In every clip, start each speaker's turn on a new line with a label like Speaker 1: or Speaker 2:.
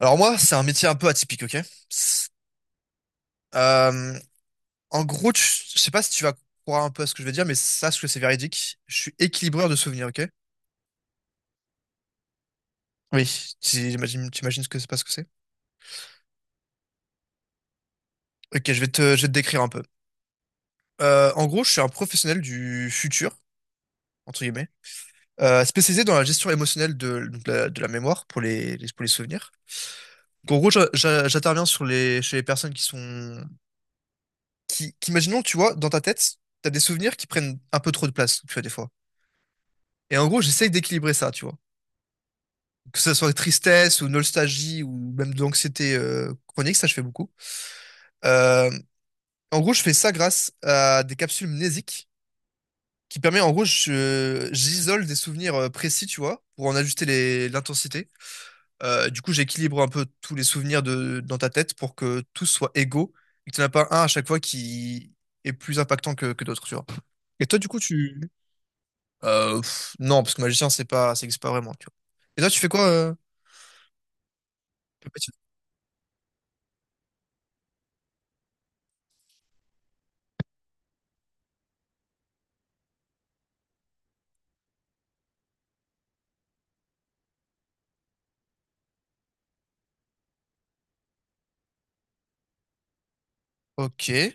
Speaker 1: Alors moi, c'est un métier un peu atypique, ok? euh, En gros, je sais pas si tu vas croire un peu à ce que je vais dire, mais sache que c'est véridique. Je suis équilibreur de souvenirs, ok? Oui, t'imagines ce que c'est pas ce que c'est? Ok, je vais te décrire un peu. En gros, je suis un professionnel du futur, entre guillemets, spécialisé dans la gestion émotionnelle de la mémoire pour pour les souvenirs. Donc, en gros, j'interviens sur les, chez les personnes qui sont, qui, imaginons, tu vois, dans ta tête, t'as des souvenirs qui prennent un peu trop de place, tu vois, des fois. Et en gros, j'essaye d'équilibrer ça, tu vois. Que ce soit tristesse ou nostalgie ou même de l'anxiété chronique, ça je fais beaucoup. Euh, En gros, je fais ça grâce à des capsules mnésiques qui permet, en gros, j'isole des souvenirs précis, tu vois, pour en ajuster l'intensité. Du coup, j'équilibre un peu tous les souvenirs dans ta tête pour que tous soient égaux et que tu n'en as pas un à chaque fois qui est plus impactant que d'autres, tu vois. Et toi, du coup, tu... non, parce que magicien, c'est pas, ça existe pas vraiment, tu vois. Et toi, tu fais quoi ok.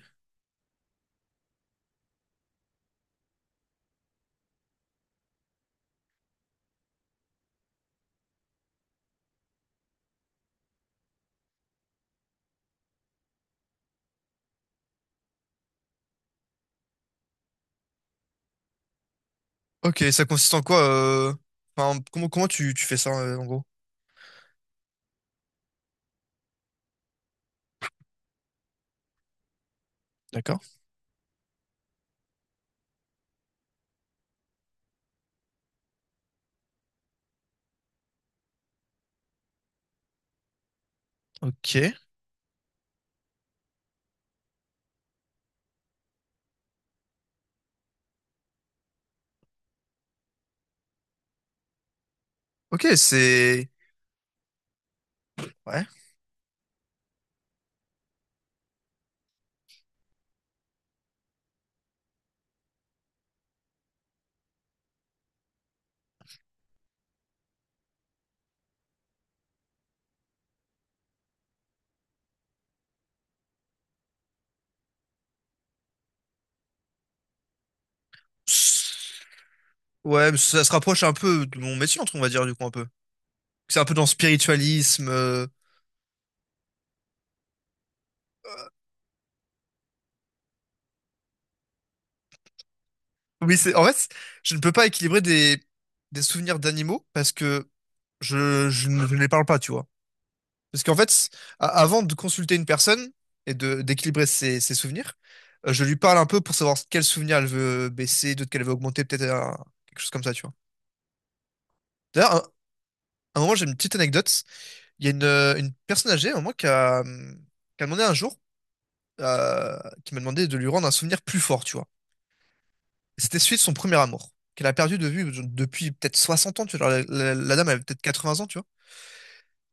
Speaker 1: Ok, ça consiste en quoi enfin, comment tu fais ça en gros? D'accord. Ok. Ok, c'est. Ouais. S- Ouais, mais ça se rapproche un peu de mon métier, on va dire, du coup, un peu. C'est un peu dans le spiritualisme. Oui, c'est. En fait, je ne peux pas équilibrer des souvenirs d'animaux parce que je ne les parle pas, tu vois. Parce qu'en fait, avant de consulter une personne et de d'équilibrer ses souvenirs, je lui parle un peu pour savoir quel souvenir elle veut baisser, d'autres qu'elle veut augmenter, quelque chose comme ça, tu vois. D'ailleurs, à un moment, j'ai une petite anecdote. Il y a une personne âgée, à un moment, qui a demandé un jour, qui m'a demandé de lui rendre un souvenir plus fort, tu vois. C'était celui de son premier amour, qu'elle a perdu de vue depuis peut-être 60 ans, tu vois. La dame avait peut-être 80 ans, tu vois.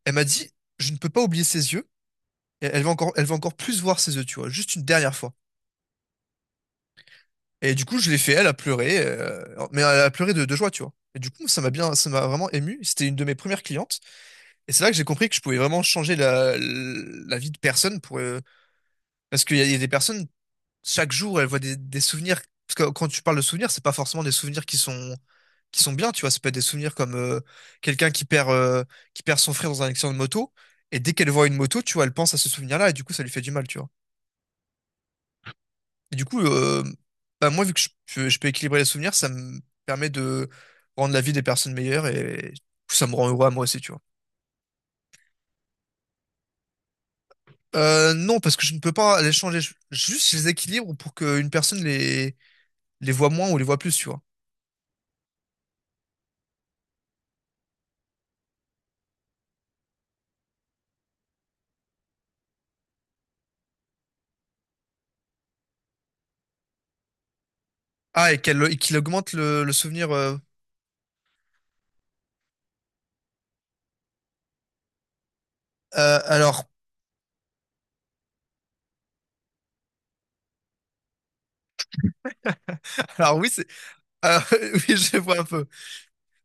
Speaker 1: Elle m'a dit, je ne peux pas oublier ses yeux. Elle veut encore plus voir ses yeux, tu vois, juste une dernière fois. Et du coup, je l'ai fait, elle a pleuré, mais elle a pleuré de joie, tu vois. Et du coup, ça m'a vraiment ému. C'était une de mes premières clientes. Et c'est là que j'ai compris que je pouvais vraiment changer la vie de personne pour, parce qu'il y a des personnes, chaque jour, elles voient des souvenirs. Parce que quand tu parles de souvenirs, c'est pas forcément des souvenirs qui sont bien, tu vois. Ça peut être des souvenirs comme quelqu'un qui perd son frère dans un accident de moto. Et dès qu'elle voit une moto, tu vois, elle pense à ce souvenir-là et du coup, ça lui fait du mal, tu vois. Et du coup, bah, moi, vu que je peux équilibrer les souvenirs, ça me permet de rendre la vie des personnes meilleures et du coup, ça me rend heureux à moi aussi, tu vois. Non, parce que je ne peux pas les changer. Juste, je les équilibre pour qu'une personne les voit moins ou les voit plus, tu vois. Ah, et qu'elle, et qu'il augmente le souvenir. Euh, alors, oui, c'est, ah, oui, je vois un peu.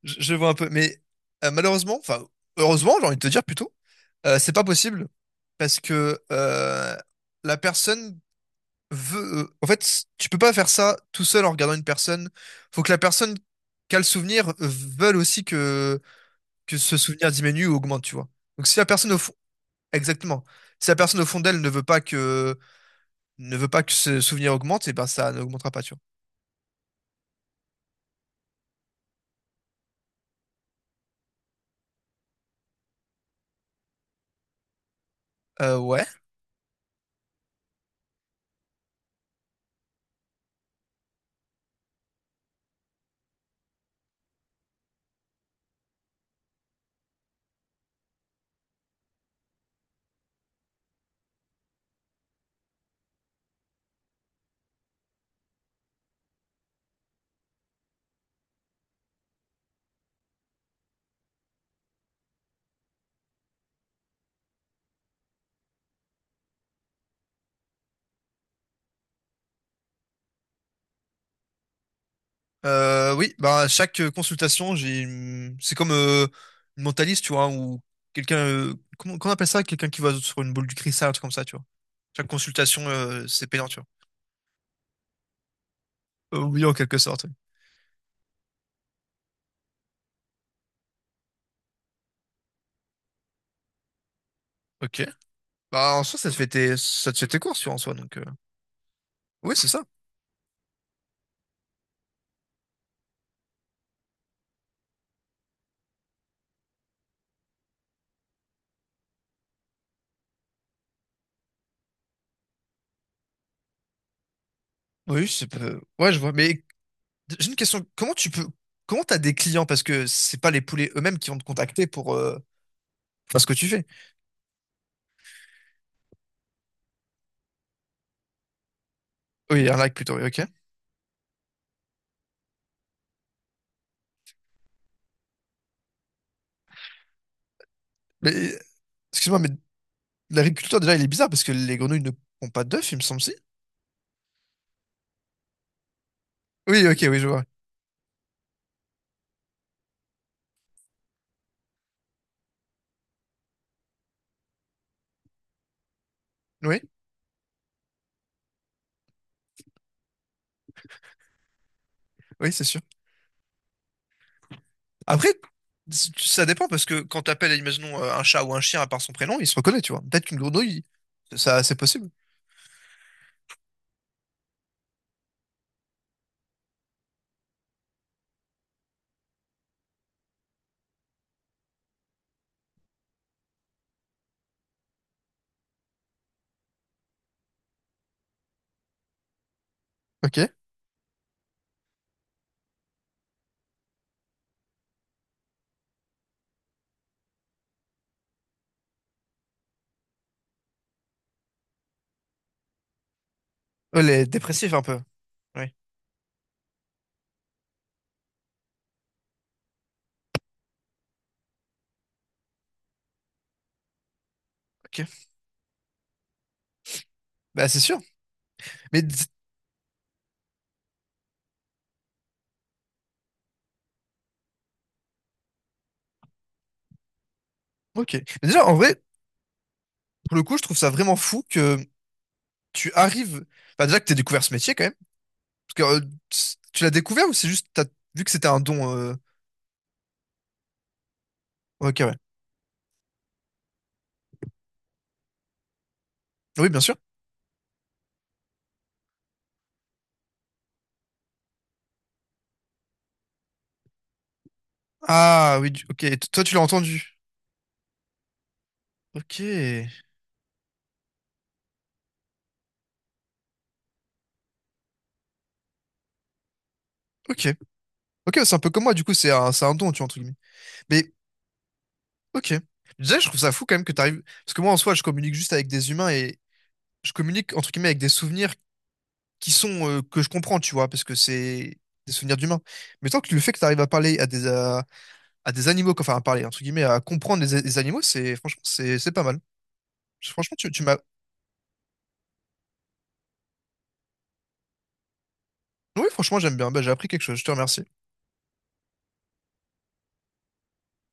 Speaker 1: Je vois un peu, mais malheureusement, enfin heureusement, j'ai envie de te dire plutôt, c'est pas possible parce que la personne veut. En fait, tu peux pas faire ça tout seul en regardant une personne. Faut que la personne qui a le souvenir veuille aussi que ce souvenir diminue ou augmente, tu vois. Donc si la personne au fond, exactement, si la personne au fond d'elle ne veut pas que ne veut pas que ce souvenir augmente, et ben ça n'augmentera pas, tu vois. Ouais. Oui, bah, à chaque consultation, c'est comme une mentaliste, tu vois, ou quelqu'un comment, comment on appelle ça? Quelqu'un qui va sur une boule du cristal, un truc comme ça, tu vois. Chaque consultation, c'est payant, tu vois. Oui, en quelque sorte. Oui. Ok. Bah en soi, ça te fait tes courses, tu vois, en soi, donc oui, c'est ça. Oui, c'est pas... Ouais, je vois. Mais j'ai une question. Comment tu peux comment t'as des clients? Parce que c'est pas les poulets eux-mêmes qui vont te contacter pour faire ce que tu fais. Oui, un like plutôt, oui, ok. Mais excuse-moi, mais l'agriculteur, déjà, il est bizarre parce que les grenouilles ne pondent pas d'œufs, il me semble si. Oui, ok, oui, je vois. Oui, oui, c'est sûr. Après, ça dépend parce que quand t'appelles, imaginons, un chat ou un chien à part son prénom, il se reconnaît, tu vois. Peut-être qu'une grenouille, ça, c'est possible. Ok. Ouais, les dépressifs un peu. Oui, ok. Bah, c'est sûr. Mais, d- ok. Mais déjà, en vrai, pour le coup, je trouve ça vraiment fou que tu arrives. Enfin, déjà que t'aies découvert ce métier quand même. Parce que tu l'as découvert ou c'est juste, t'as vu que c'était un don. Ok, ouais. Oui, bien sûr. Ah, oui, du- ok. T- Toi, tu l'as entendu. Ok, ok, ok, c'est un peu comme moi, du coup, c'est un don, tu vois, entre guillemets. Mais, ok. Déjà, je trouve ça fou quand même que t'arrives. Parce que moi, en soi, je communique juste avec des humains et je communique, entre guillemets, avec des souvenirs que je comprends, tu vois, parce que c'est des souvenirs d'humains. Mais tant que le fait que t'arrives à parler à des animaux, enfin, à parler, entre guillemets, à comprendre les animaux, c'est, franchement, c'est pas mal. Franchement, tu m'as. Oui, franchement, j'aime bien. Bah, j'ai appris quelque chose, je te remercie.